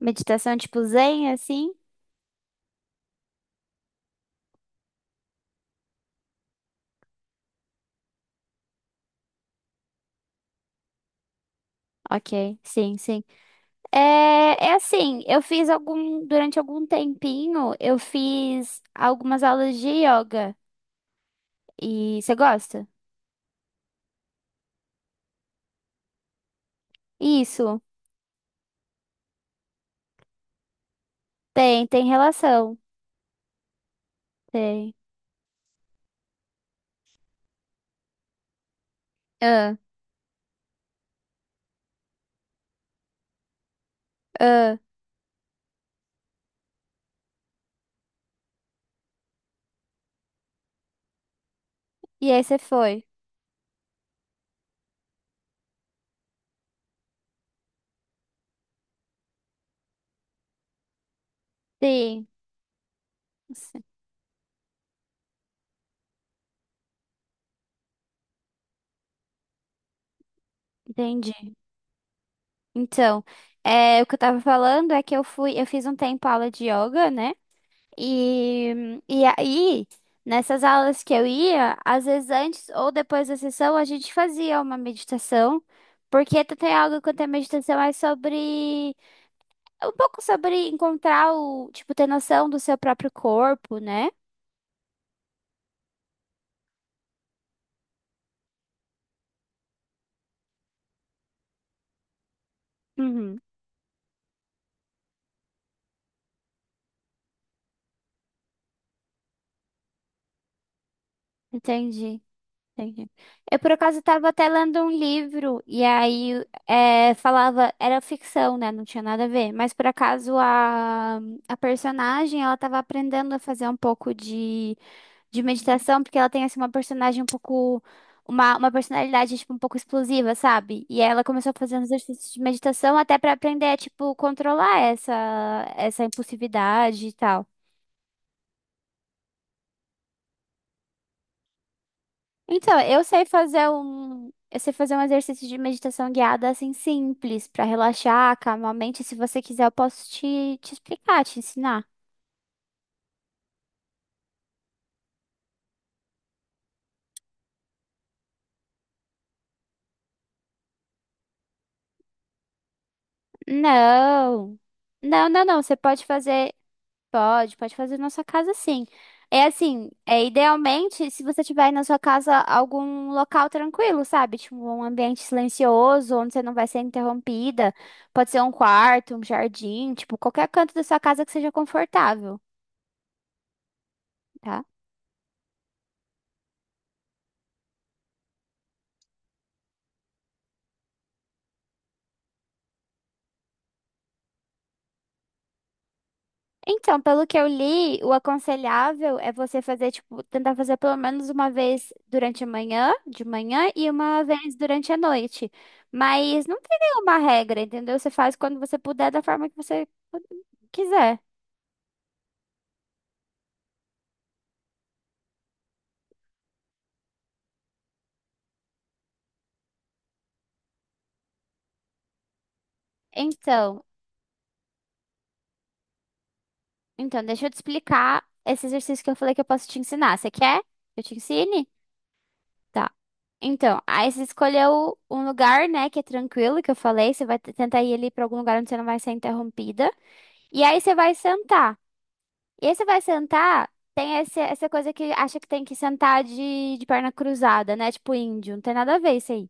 Meditação tipo zen, assim? Ok, sim, sim. É, é, assim, durante algum tempinho, eu fiz algumas aulas de yoga. E você gosta? Isso, tem relação. Tem. Ah, ah. E aí você foi? Sim, sim, entendi. Então, o que eu tava falando é que eu fui, eu fiz um tempo aula de yoga, né? E, e aí, nessas aulas que eu ia, às vezes antes ou depois da sessão, a gente fazia uma meditação, porque Theta Yoga, quanto é meditação, é um pouco sobre encontrar o, tipo, ter noção do seu próprio corpo, né? Uhum, entendi. Entendi. Eu, por acaso, estava até lendo um livro, e aí falava, era ficção, né? Não tinha nada a ver, mas por acaso a personagem, ela estava aprendendo a fazer um pouco de meditação, porque ela tem assim uma personalidade tipo um pouco explosiva, sabe? E ela começou a fazer uns exercícios de meditação até pra aprender a tipo controlar essa impulsividade e tal. Então, eu sei fazer um exercício de meditação guiada assim simples pra relaxar, calmar a mente. Se você quiser, eu posso te explicar, te ensinar. Não. Não, não, não. Você pode fazer. Pode fazer na sua casa, sim. É assim, idealmente se você tiver aí na sua casa algum local tranquilo, sabe? Tipo um ambiente silencioso, onde você não vai ser interrompida. Pode ser um quarto, um jardim, tipo qualquer canto da sua casa que seja confortável, tá? Então, pelo que eu li, o aconselhável é você fazer, tipo, tentar fazer pelo menos uma vez durante a manhã, de manhã, e uma vez durante a noite. Mas não tem nenhuma regra, entendeu? Você faz quando você puder, da forma que você quiser. Então, então, deixa eu te explicar esse exercício que eu falei que eu posso te ensinar. Você quer que eu te ensine? Tá. Então, aí você escolheu um lugar, né, que é tranquilo, que eu falei. Você vai tentar ir ali pra algum lugar onde você não vai ser interrompida. E aí você vai sentar. E aí você vai sentar, tem essa coisa que acha que tem que sentar de perna cruzada, né? Tipo índio, não tem nada a ver isso aí.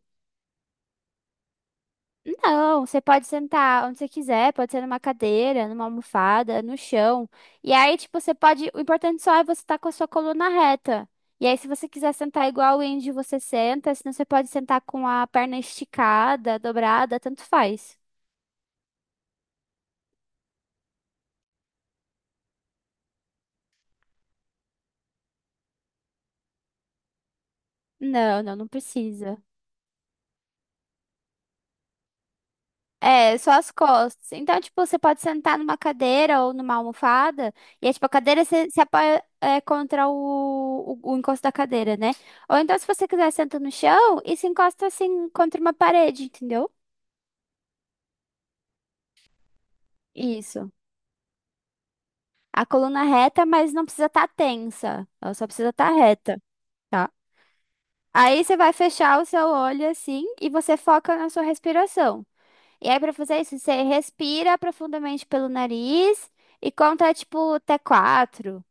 Não, você pode sentar onde você quiser, pode ser numa cadeira, numa almofada, no chão. E aí, tipo, você pode. O importante só é você estar com a sua coluna reta. E aí, se você quiser sentar igual o índio, você senta. Senão, você pode sentar com a perna esticada, dobrada, tanto faz. Não, não, não precisa. É, só as costas. Então, tipo, você pode sentar numa cadeira ou numa almofada, e aí, tipo, a cadeira se apoia contra o encosto da cadeira, né? Ou então, se você quiser, senta no chão e se encosta assim contra uma parede, entendeu? Isso. A coluna reta, mas não precisa estar tensa. Ela só precisa estar reta, tá? Aí você vai fechar o seu olho assim e você foca na sua respiração. E aí, pra fazer isso, você respira profundamente pelo nariz. E conta, tipo, até quatro.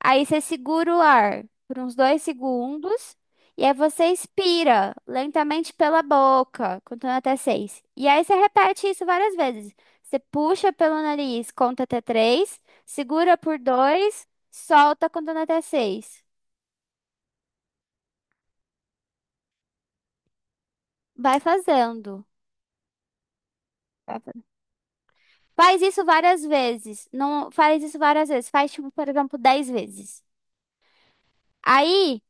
Aí você segura o ar por uns 2 segundos. E aí você expira lentamente pela boca, contando até seis. E aí você repete isso várias vezes. Você puxa pelo nariz, conta até três. Segura por dois, solta contando até seis. Vai fazendo. Vai fa- Faz isso várias vezes. Não faz isso várias vezes. Faz, tipo, por exemplo, 10 vezes. Aí.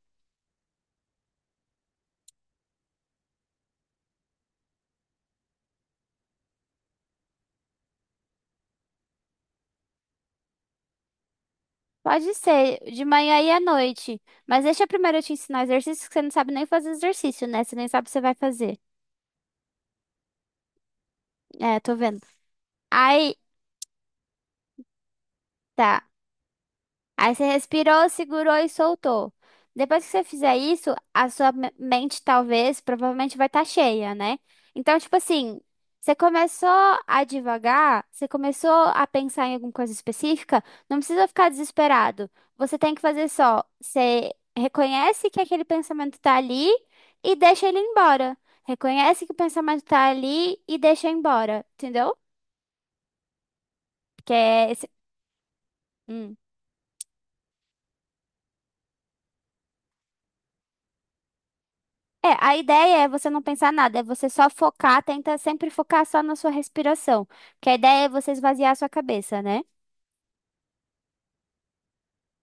Pode ser, de manhã e à noite. Mas deixa primeiro eu te ensinar exercício, que você não sabe nem fazer exercício, né? Você nem sabe o que você vai fazer. É, tô vendo. Aí, tá. Aí você respirou, segurou e soltou. Depois que você fizer isso, a sua mente talvez, provavelmente vai estar cheia, né? Então, tipo assim, você começou a divagar, você começou a pensar em alguma coisa específica, não precisa ficar desesperado. Você tem que fazer só, você reconhece que aquele pensamento tá ali e deixa ele embora. Reconhece que o pensamento tá ali e deixa embora, entendeu? Que é esse... Hum. É, a ideia é você não pensar nada, é você só focar, tenta sempre focar só na sua respiração, porque a ideia é você esvaziar a sua cabeça, né?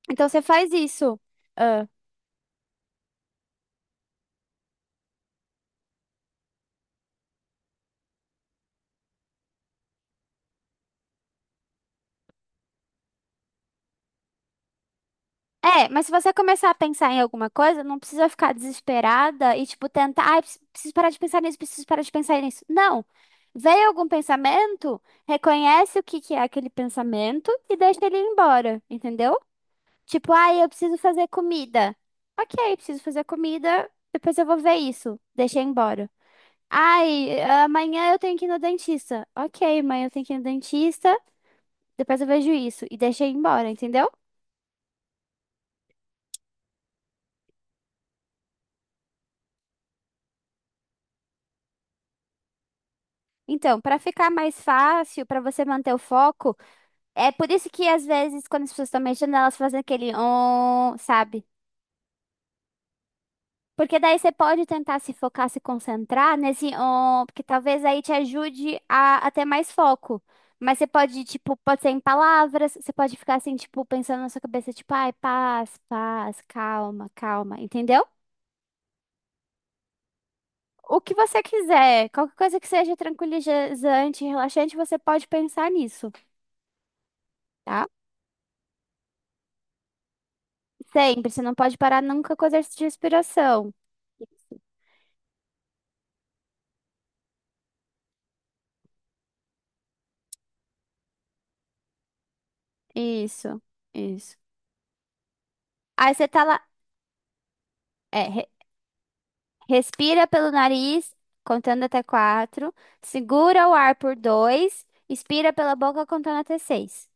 Então você faz isso. Ah. É, mas se você começar a pensar em alguma coisa, não precisa ficar desesperada e, tipo, tentar, ai, preciso parar de pensar nisso, preciso parar de pensar nisso. Não. Veio algum pensamento, reconhece o que que é aquele pensamento e deixa ele ir embora, entendeu? Tipo, ai, eu preciso fazer comida. Ok, preciso fazer comida, depois eu vou ver isso. Deixa ir embora. Ai, amanhã eu tenho que ir no dentista. Ok, amanhã eu tenho que ir no dentista. Depois eu vejo isso. E deixei embora, entendeu? Então, pra ficar mais fácil, pra você manter o foco, é por isso que às vezes, quando as pessoas estão mexendo, elas fazem aquele on, sabe? Porque daí você pode tentar se focar, se concentrar nesse on, porque talvez aí te ajude a ter mais foco. Mas você pode, tipo, pode ser em palavras, você pode ficar assim, tipo, pensando na sua cabeça, tipo, ai, paz, paz, calma, calma, entendeu? O que você quiser, qualquer coisa que seja tranquilizante, relaxante, você pode pensar nisso, tá? Sempre, você não pode parar nunca com o exercício de respiração. Isso, isso. Aí você tá lá, é, re- respira pelo nariz, contando até quatro, segura o ar por dois, expira pela boca contando até seis.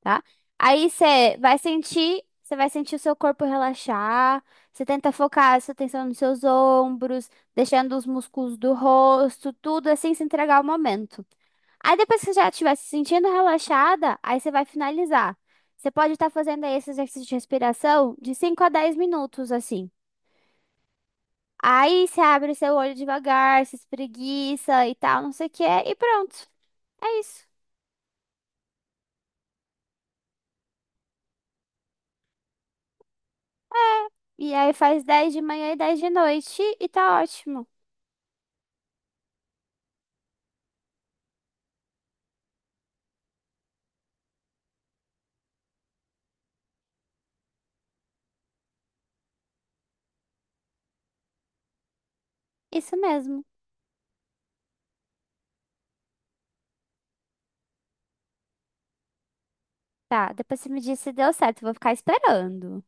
Tá? Aí você vai sentir o seu corpo relaxar, você tenta focar a sua atenção nos seus ombros, deixando os músculos do rosto, tudo assim, se entregar ao momento. Aí depois que você já estiver se sentindo relaxada, aí você vai finalizar. Você pode estar fazendo aí esse exercício de respiração de 5 a 10 minutos, assim. Aí você abre o seu olho devagar, se espreguiça e tal, não sei o que, e pronto. É isso. E aí faz 10 de manhã e 10 de noite e tá ótimo. Isso mesmo. Tá, depois você me diz se deu certo. Eu vou ficar esperando.